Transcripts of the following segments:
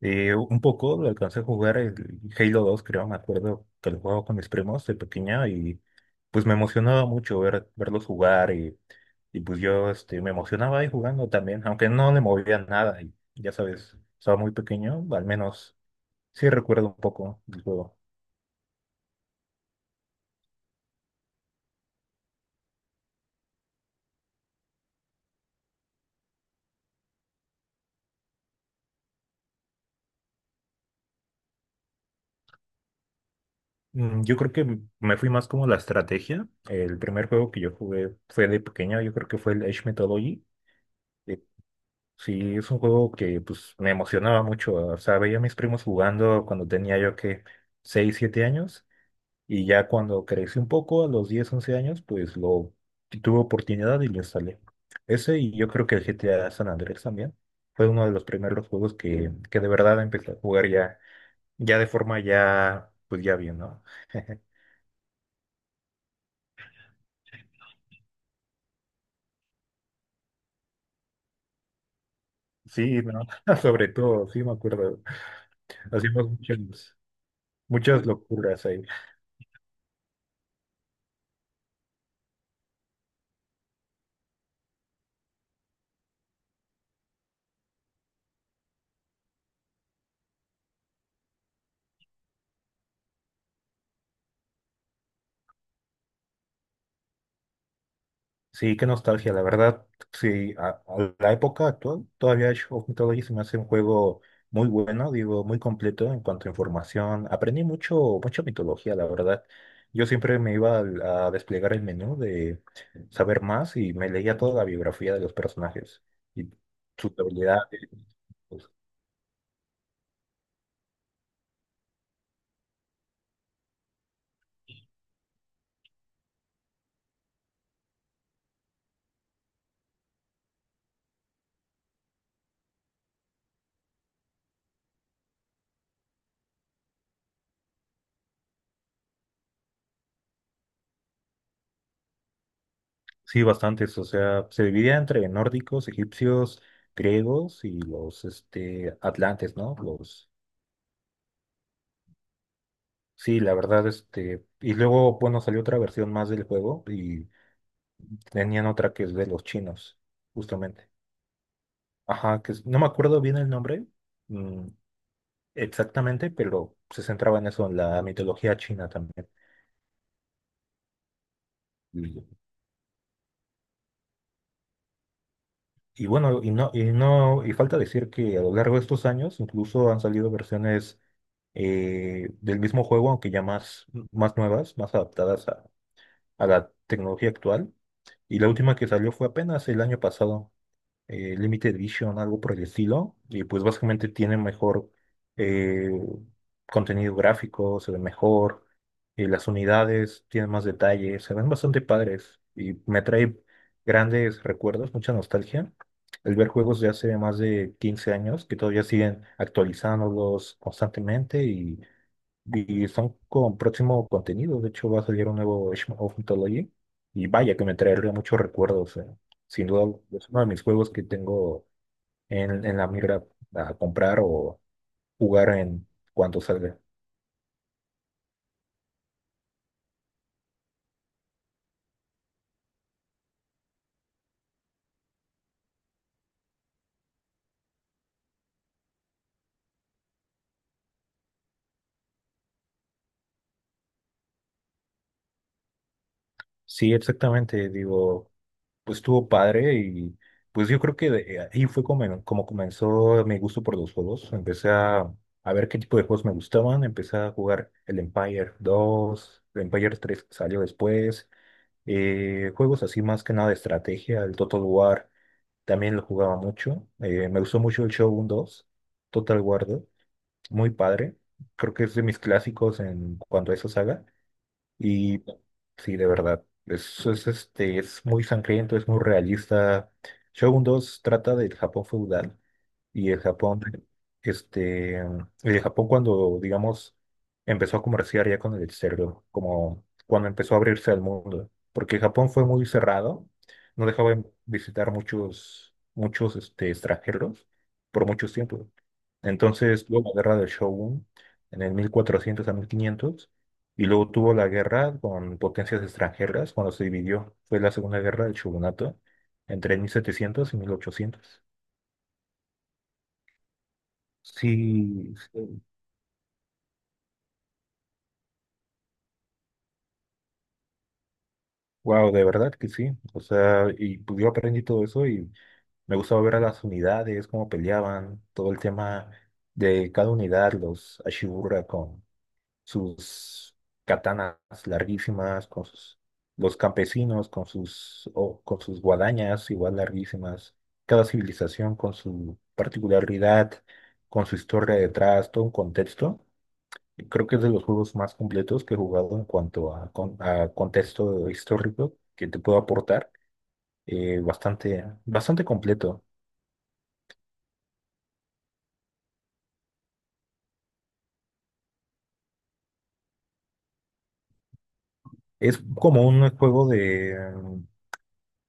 Un poco lo alcancé a jugar el Halo 2 creo, me acuerdo que lo jugaba con mis primos de pequeña y pues me emocionaba mucho ver, verlos jugar y pues yo este, me emocionaba ahí jugando también, aunque no le movía nada y ya sabes, estaba muy pequeño, al menos sí recuerdo un poco del juego. Yo creo que me fui más como la estrategia. El primer juego que yo jugué fue de pequeño, yo creo que fue el Age Mythology. Sí, es un juego que pues me emocionaba mucho. O sea, veía a mis primos jugando cuando tenía yo que 6 7 años y ya cuando crecí un poco, a los 10 11 años, pues lo tuve oportunidad y lo instalé. Ese y yo creo que el GTA San Andrés también fue uno de los primeros juegos que de verdad empecé a jugar ya, ya de forma ya, pues ya bien, ¿no? Sí, ¿no? Sobre todo, sí me acuerdo. Hacíamos muchas, muchas locuras ahí. Sí, qué nostalgia, la verdad. Sí, a la época actual, todavía Age of Mythology se me hace un juego muy bueno, digo, muy completo en cuanto a información. Aprendí mucho, mucha mitología, la verdad. Yo siempre me iba a, desplegar el menú de saber más y me leía toda la biografía de los personajes y sus habilidades. Pues, sí, bastantes, o sea, se dividía entre nórdicos, egipcios, griegos y los este, atlantes, ¿no? Los sí, la verdad, este, y luego, bueno, salió otra versión más del juego y tenían otra que es de los chinos, justamente. Ajá, no me acuerdo bien el nombre, mm, exactamente, pero se centraba en eso, en la mitología china también. Y, y bueno, y no, y no, y falta decir que a lo largo de estos años incluso han salido versiones del mismo juego, aunque ya más, más nuevas, más adaptadas a la tecnología actual. Y la última que salió fue apenas el año pasado. Limited Vision, algo por el estilo, y pues básicamente tiene mejor eh, contenido gráfico, se ve mejor, y las unidades tienen más detalle, se ven bastante padres y me trae grandes recuerdos, mucha nostalgia. El ver juegos de hace más de 15 años que todavía siguen actualizándolos constantemente y son con próximo contenido. De hecho, va a salir un nuevo Age of Mythology. Y vaya que me traería muchos recuerdos. Sin duda, es uno de mis juegos que tengo en la mira a comprar o jugar en cuanto salga. Sí, exactamente. Digo, pues estuvo padre y pues yo creo que ahí fue como, como comenzó mi gusto por los juegos. A ver qué tipo de juegos me gustaban. Empecé a jugar el Empire 2 el Empire 3 salió después. Juegos así más que nada de estrategia, el Total War también lo jugaba mucho. Me gustó mucho el Shogun 2, Total War 2, muy padre. Creo que es de mis clásicos en cuanto a esa saga. Y sí, de verdad, este, es muy sangriento, es muy realista. Shogun 2 trata del Japón feudal y el Japón, este, el Japón cuando, digamos, empezó a comerciar ya con el exterior, como cuando empezó a abrirse al mundo, porque Japón fue muy cerrado, no dejaba visitar este, extranjeros por mucho tiempo. Entonces, luego la guerra del Shogun, en el 1400 a 1500 y luego tuvo la guerra con potencias extranjeras cuando se dividió. Fue la Segunda Guerra del Shogunato entre 1700 y 1800. Sí, wow, de verdad que sí. O sea, y pues, yo aprendí todo eso y me gustaba ver a las unidades, cómo peleaban, todo el tema de cada unidad, los Ashibura con sus katanas larguísimas, con sus, los campesinos con sus, con sus guadañas igual larguísimas, cada civilización con su particularidad, con su historia detrás, todo un contexto. Y creo que es de los juegos más completos que he jugado en cuanto a, a contexto histórico que te puedo aportar. Bastante, bastante completo. Es como un juego de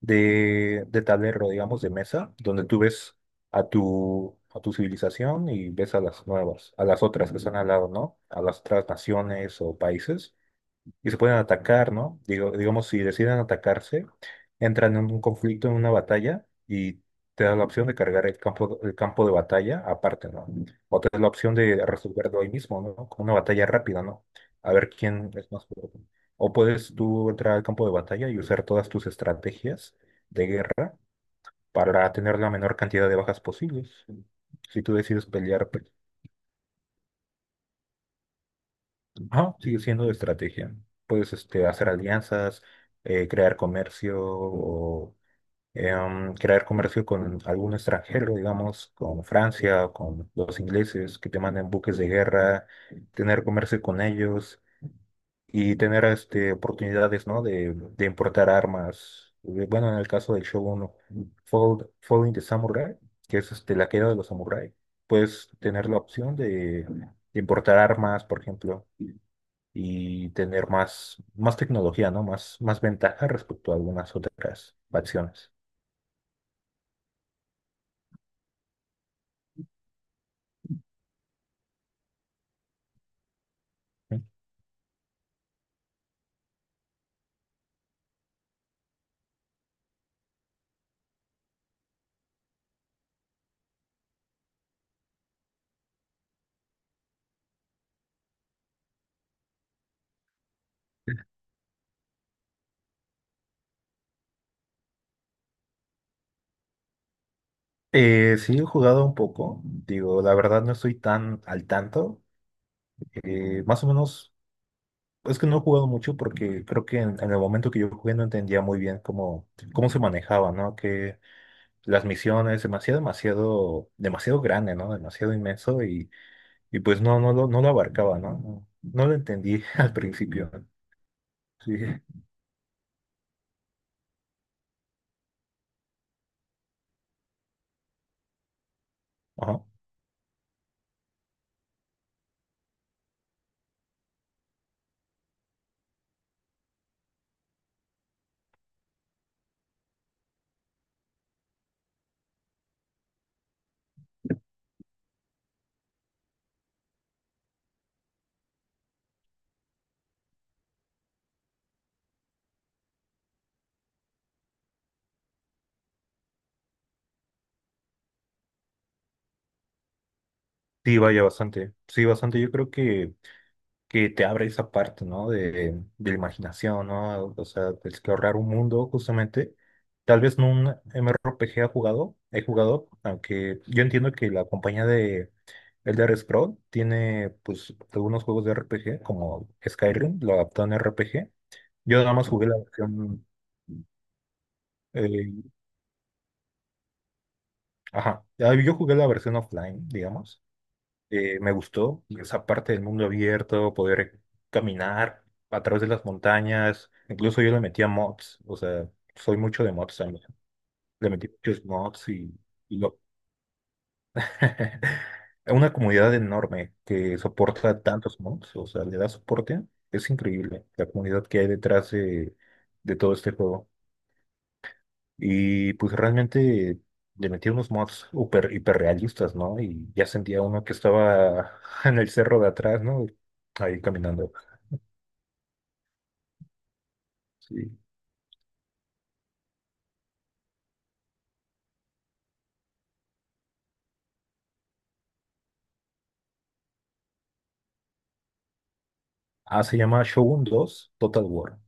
de tablero, digamos, de mesa, donde tú ves a tu civilización y ves a las nuevas, a las otras que están al lado, ¿no? A las otras naciones o países y se pueden atacar, ¿no? Digo, digamos, si deciden atacarse, entran en un conflicto, en una batalla, y te da la opción de cargar el campo de batalla aparte, ¿no? O te da la opción de resolverlo ahí mismo, ¿no? Con una batalla rápida, ¿no? A ver quién es más fuerte. O puedes tú entrar al campo de batalla y usar todas tus estrategias de guerra para tener la menor cantidad de bajas posibles. Si tú decides pelear pues, ajá, sigue siendo de estrategia. Puedes este, hacer alianzas, crear comercio o crear comercio con algún extranjero, digamos, con Francia o con los ingleses que te manden buques de guerra, tener comercio con ellos y tener este, oportunidades, ¿no? De importar armas. Bueno, en el caso del Shogun Falling the Samurai, que es este, la queda de los samuráis, puedes tener la opción de importar armas, por ejemplo y tener más, más tecnología, ¿no? Más, más ventaja respecto a algunas otras facciones. ¿Sí? Sí, he jugado un poco, digo, la verdad no estoy tan al tanto, más o menos, es que no he jugado mucho porque creo que en el momento que yo jugué no entendía muy bien cómo, cómo se manejaba, ¿no? Que las misiones, demasiado grande, ¿no? Demasiado inmenso y pues no, no lo abarcaba, ¿no? No, no lo entendí al principio, sí, ajá. Sí, vaya bastante. Sí, bastante. Que te abre esa parte, ¿no? De la imaginación, ¿no? O sea, de explorar un mundo, justamente. Tal vez no un m MMORPG ha jugado, he jugado, aunque yo entiendo que la compañía de Elder Scrolls tiene, pues, algunos juegos de RPG, como Skyrim, lo adaptó en RPG. Yo nada más jugué la versión, eh, ajá, Ah, yo jugué la versión offline, digamos. Me gustó esa parte del mundo abierto, poder caminar a través de las montañas. Incluso yo le metía mods, o sea, soy mucho de mods también. Le metí muchos mods y lo... Una comunidad enorme que soporta tantos mods, o sea, le da soporte. Es increíble la comunidad que hay detrás de todo este juego. Y pues realmente le metí unos mods hiperrealistas, ¿no? Y ya sentía uno que estaba en el cerro de atrás, ¿no? Ahí caminando. Sí. Ah, se llama Shogun 2 Total War.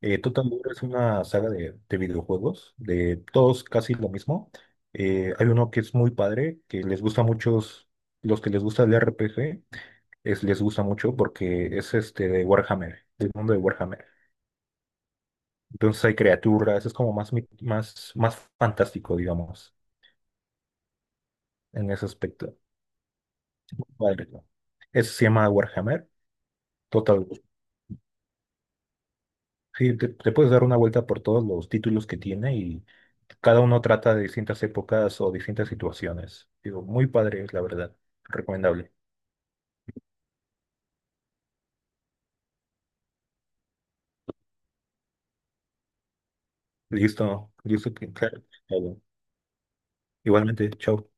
Total War es una saga de videojuegos, de todos casi lo mismo. Hay uno que es muy padre, que les gusta a muchos los que les gusta el RPG, les gusta mucho porque es este de Warhammer, del mundo de Warhammer. Entonces hay criaturas, es como más, más fantástico, digamos, en ese aspecto. Padre, ¿no? Eso se llama Warhammer Total War. Sí, te puedes dar una vuelta por todos los títulos que tiene y cada uno trata de distintas épocas o distintas situaciones. Digo, muy padre es la verdad, recomendable. Listo, claro. Igualmente, chao.